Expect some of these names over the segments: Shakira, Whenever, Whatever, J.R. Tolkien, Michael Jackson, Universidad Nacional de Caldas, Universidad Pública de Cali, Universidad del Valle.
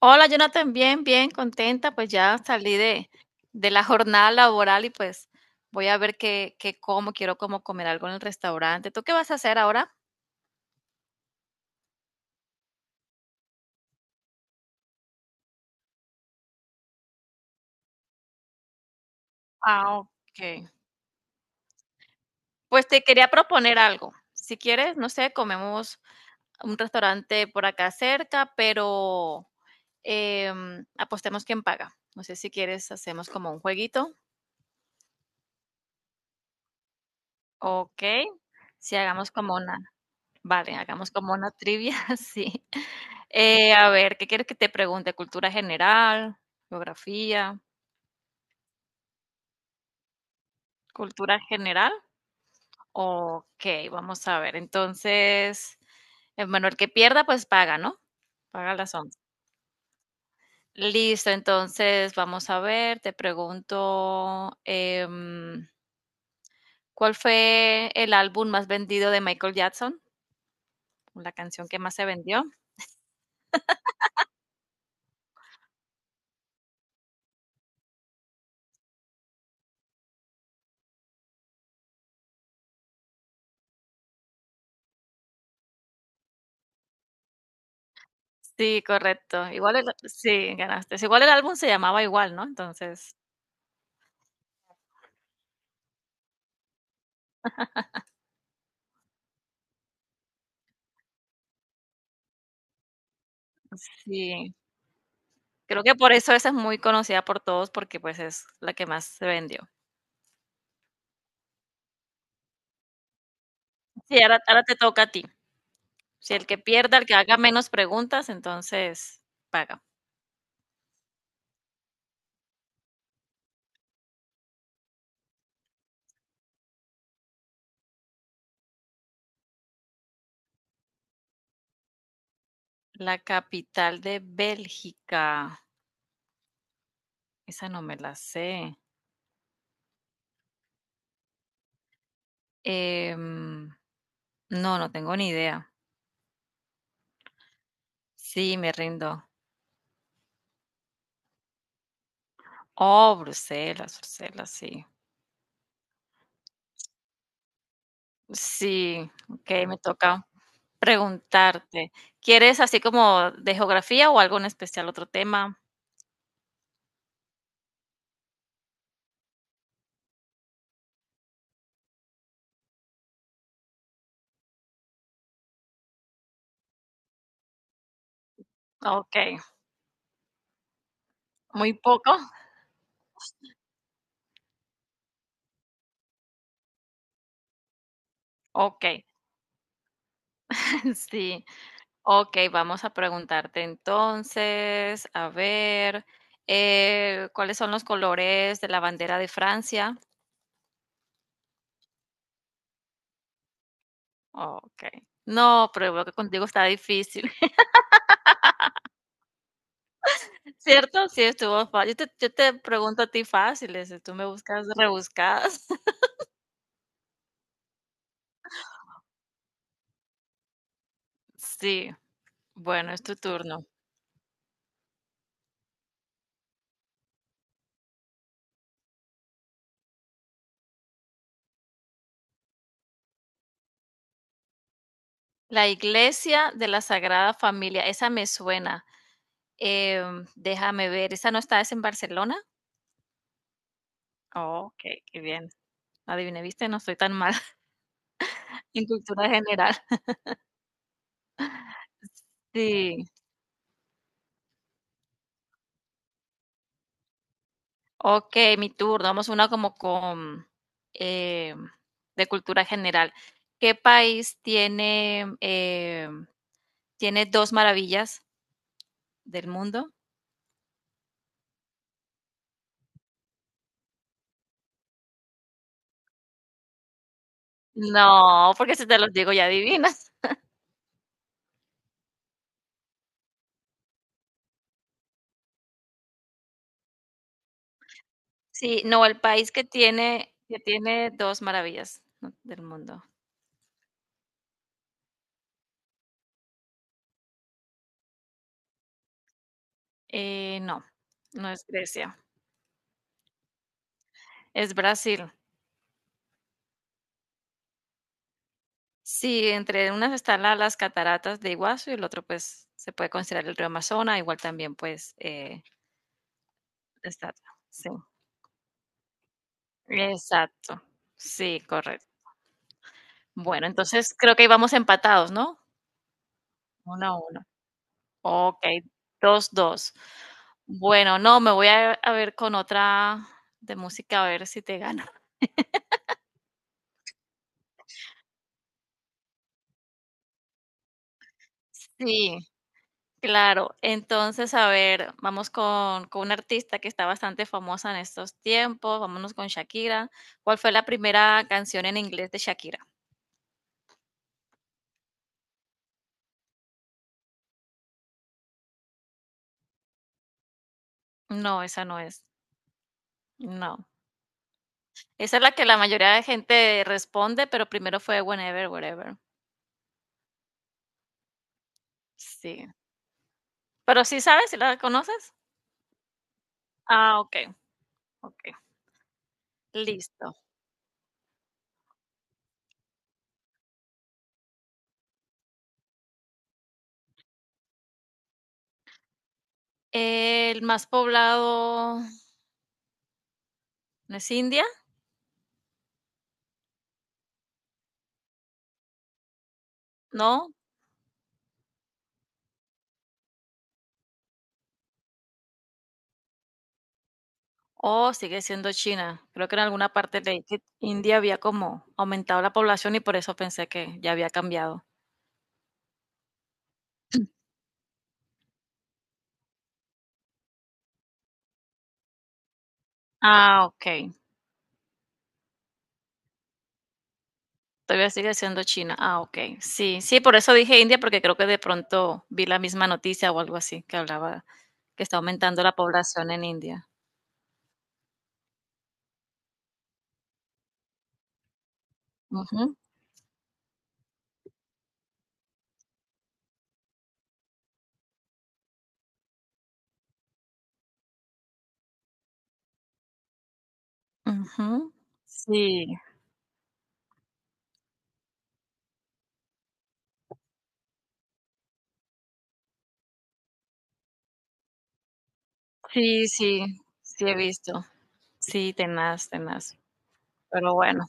Hola, Jonathan, bien, bien, contenta, pues ya salí de la jornada laboral y pues voy a ver qué como, quiero como comer algo en el restaurante. ¿Tú qué vas a hacer ahora? Ah, ok. Pues te quería proponer algo. Si quieres, no sé, comemos a un restaurante por acá cerca, pero apostemos quién paga. No sé si quieres, hacemos como un jueguito. Ok. Si hagamos como una. Vale, hagamos como una trivia, sí. A ver, ¿qué quieres que te pregunte? ¿Cultura general? ¿Geografía? ¿Cultura general? Ok, vamos a ver. Entonces, bueno, el que pierda, pues paga, ¿no? Paga las 11. Listo, entonces vamos a ver, te pregunto, ¿cuál fue el álbum más vendido de Michael Jackson? La canción que más se vendió. Sí, correcto. Igual el sí, ganaste. Igual el álbum se llamaba igual, ¿no? Entonces, sí, creo que por eso esa es muy conocida por todos, porque, pues, es la que más se vendió. Sí, ahora te toca a ti. Si el que pierda, el que haga menos preguntas, entonces paga. La capital de Bélgica. Esa no me la sé. Em, no, no tengo ni idea. Sí, me rindo. Oh, Bruselas, Bruselas, sí. Sí, okey, me toca preguntarte. ¿Quieres así como de geografía o algo en especial, otro tema? Okey, muy poco. Okey, sí. Okey, vamos a preguntarte entonces, a ver, ¿cuáles son los colores de la bandera de Francia? Okey. No, pero veo que contigo está difícil, ¿cierto? Sí, estuvo fa yo te pregunto a ti fáciles, y tú me buscas rebuscadas. Sí, bueno, es tu turno. La Iglesia de la Sagrada Familia, esa me suena. Déjame ver, ¿esa no está es en Barcelona? Oh, okey, qué bien. Adiviné, ¿viste? No estoy tan mal en cultura general. Sí. Okey, mi turno. Vamos una como con, em, de cultura general. ¿Qué país tiene 2 maravillas del mundo? No, porque si te los digo ya adivinas. Sí, no, el país que tiene 2 maravillas, ¿no? del mundo. No, no es Grecia, es Brasil. Sí, entre unas están la las cataratas de Iguazú y el otro, pues, se puede considerar el río Amazonas, igual también, pues, está sí, exacto. Sí, correcto. Bueno, entonces creo que íbamos empatados, ¿no? Uno a 1. Okey, 2. 2. Bueno, no, me voy a ver con otra de música a ver si te gano. Sí. Claro, entonces, a ver, vamos con una artista que está bastante famosa en estos tiempos, vámonos con Shakira. ¿Cuál fue la primera canción en inglés de Shakira? No, esa no es, no. Esa es la que la mayoría de gente responde, pero primero fue Whenever, Whatever. Sí, pero, ¿sí sabes, si la conoces? Ah, okey, okey, listo. El más poblado, ¿no es India? ¿No? Oh, sigue siendo China. Creo que en alguna parte de India había como aumentado la población y por eso pensé que ya había cambiado. Ah, ok. Todavía sigue siendo China. Ah, ok. Sí, sí, por eso dije India, porque creo que de pronto vi la misma noticia o algo así que hablaba que está aumentando la población en India. Ujú, ujú. Sí, sí, sí, sí he visto. Sí, tenaz, tenaz. Pero bueno.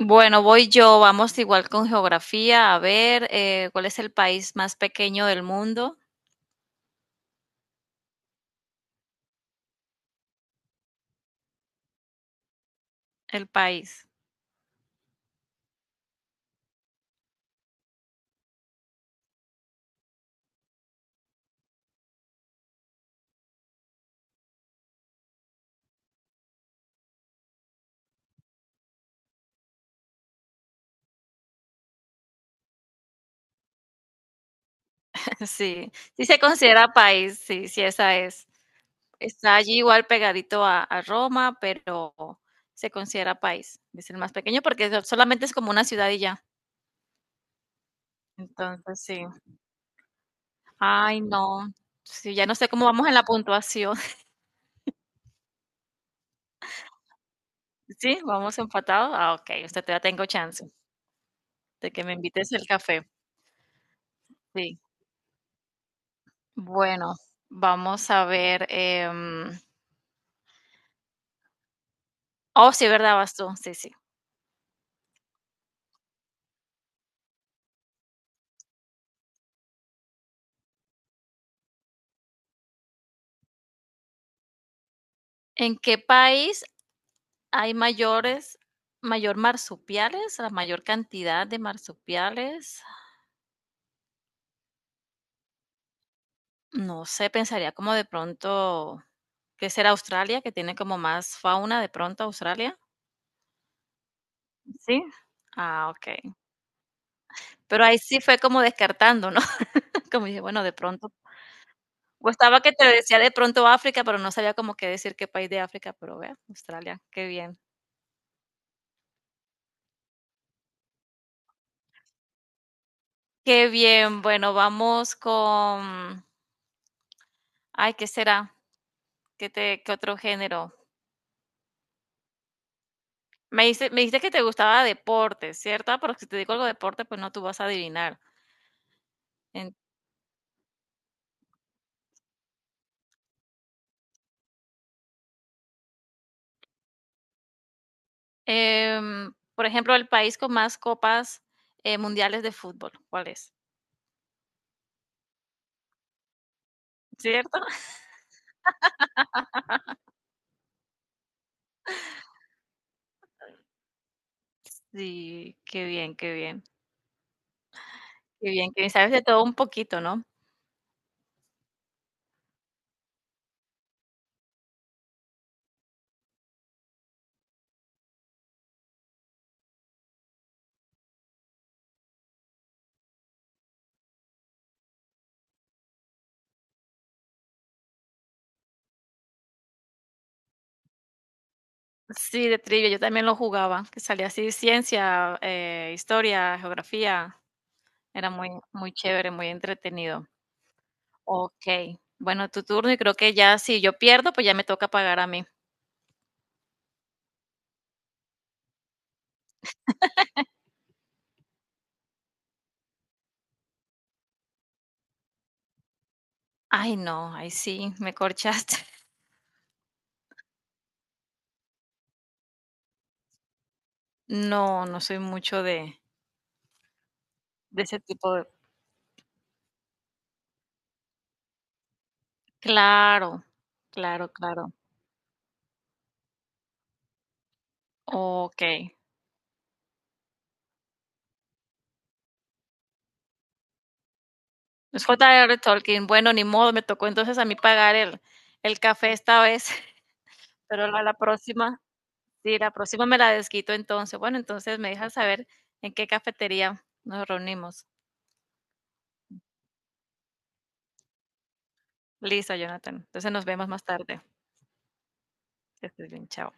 Bueno, voy yo. Vamos igual con geografía. A ver, ¿cuál es el país más pequeño del mundo? El país. Sí, sí se considera país, sí, sí, esa es. Está allí igual pegadito a Roma, pero se considera país. Es el más pequeño porque solamente es como una ciudad y ya. Entonces, sí. Ay, no. Sí, ya no sé cómo vamos en la puntuación. Sí, vamos empatados. Ah, ok. Usted ya tengo chance de que me invites el café. Sí. Bueno, vamos a ver. Oh, sí, ¿verdad, vas tú? Sí, sí. ¿En qué país hay la mayor cantidad de marsupiales? No sé, pensaría como de pronto, que será Australia, que tiene como más fauna de pronto Australia. Sí. Ah, ok. Pero ahí sí fue como descartando, ¿no? Como dije, bueno, de pronto. O estaba que te decía de pronto África, pero no sabía como qué decir qué país de África, pero vea, Australia, qué bien. Qué bien, bueno, vamos con, ay, ¿qué será? ¿Qué otro género? Me dijiste que te gustaba deporte, ¿cierto? Pero si te digo algo de deporte, pues no tú vas a adivinar. En- por ejemplo, el país con más copas mundiales de fútbol, ¿cuál es? ¿Cierto? Sí, qué bien, qué bien, qué bien, que sabes de todo un poquito, ¿no? Sí, de trivia, yo también lo jugaba, que salía así, ciencia, historia, geografía, era muy, muy chévere, muy entretenido. Okey. Bueno, tu turno y creo que ya si yo pierdo, pues ya me toca pagar a mí. Ay, no, ahí sí me corchaste. No, no soy mucho de ese tipo de claro, claro, claro. Okey. Es J.R. Tolkien. Bueno, ni modo, me tocó entonces a mí pagar el café esta vez, pero la próxima sí, la próxima me la desquito entonces. Bueno, entonces me dejas saber en qué cafetería nos reunimos. Listo, Jonathan. Entonces nos vemos más tarde. Que estés bien, chao.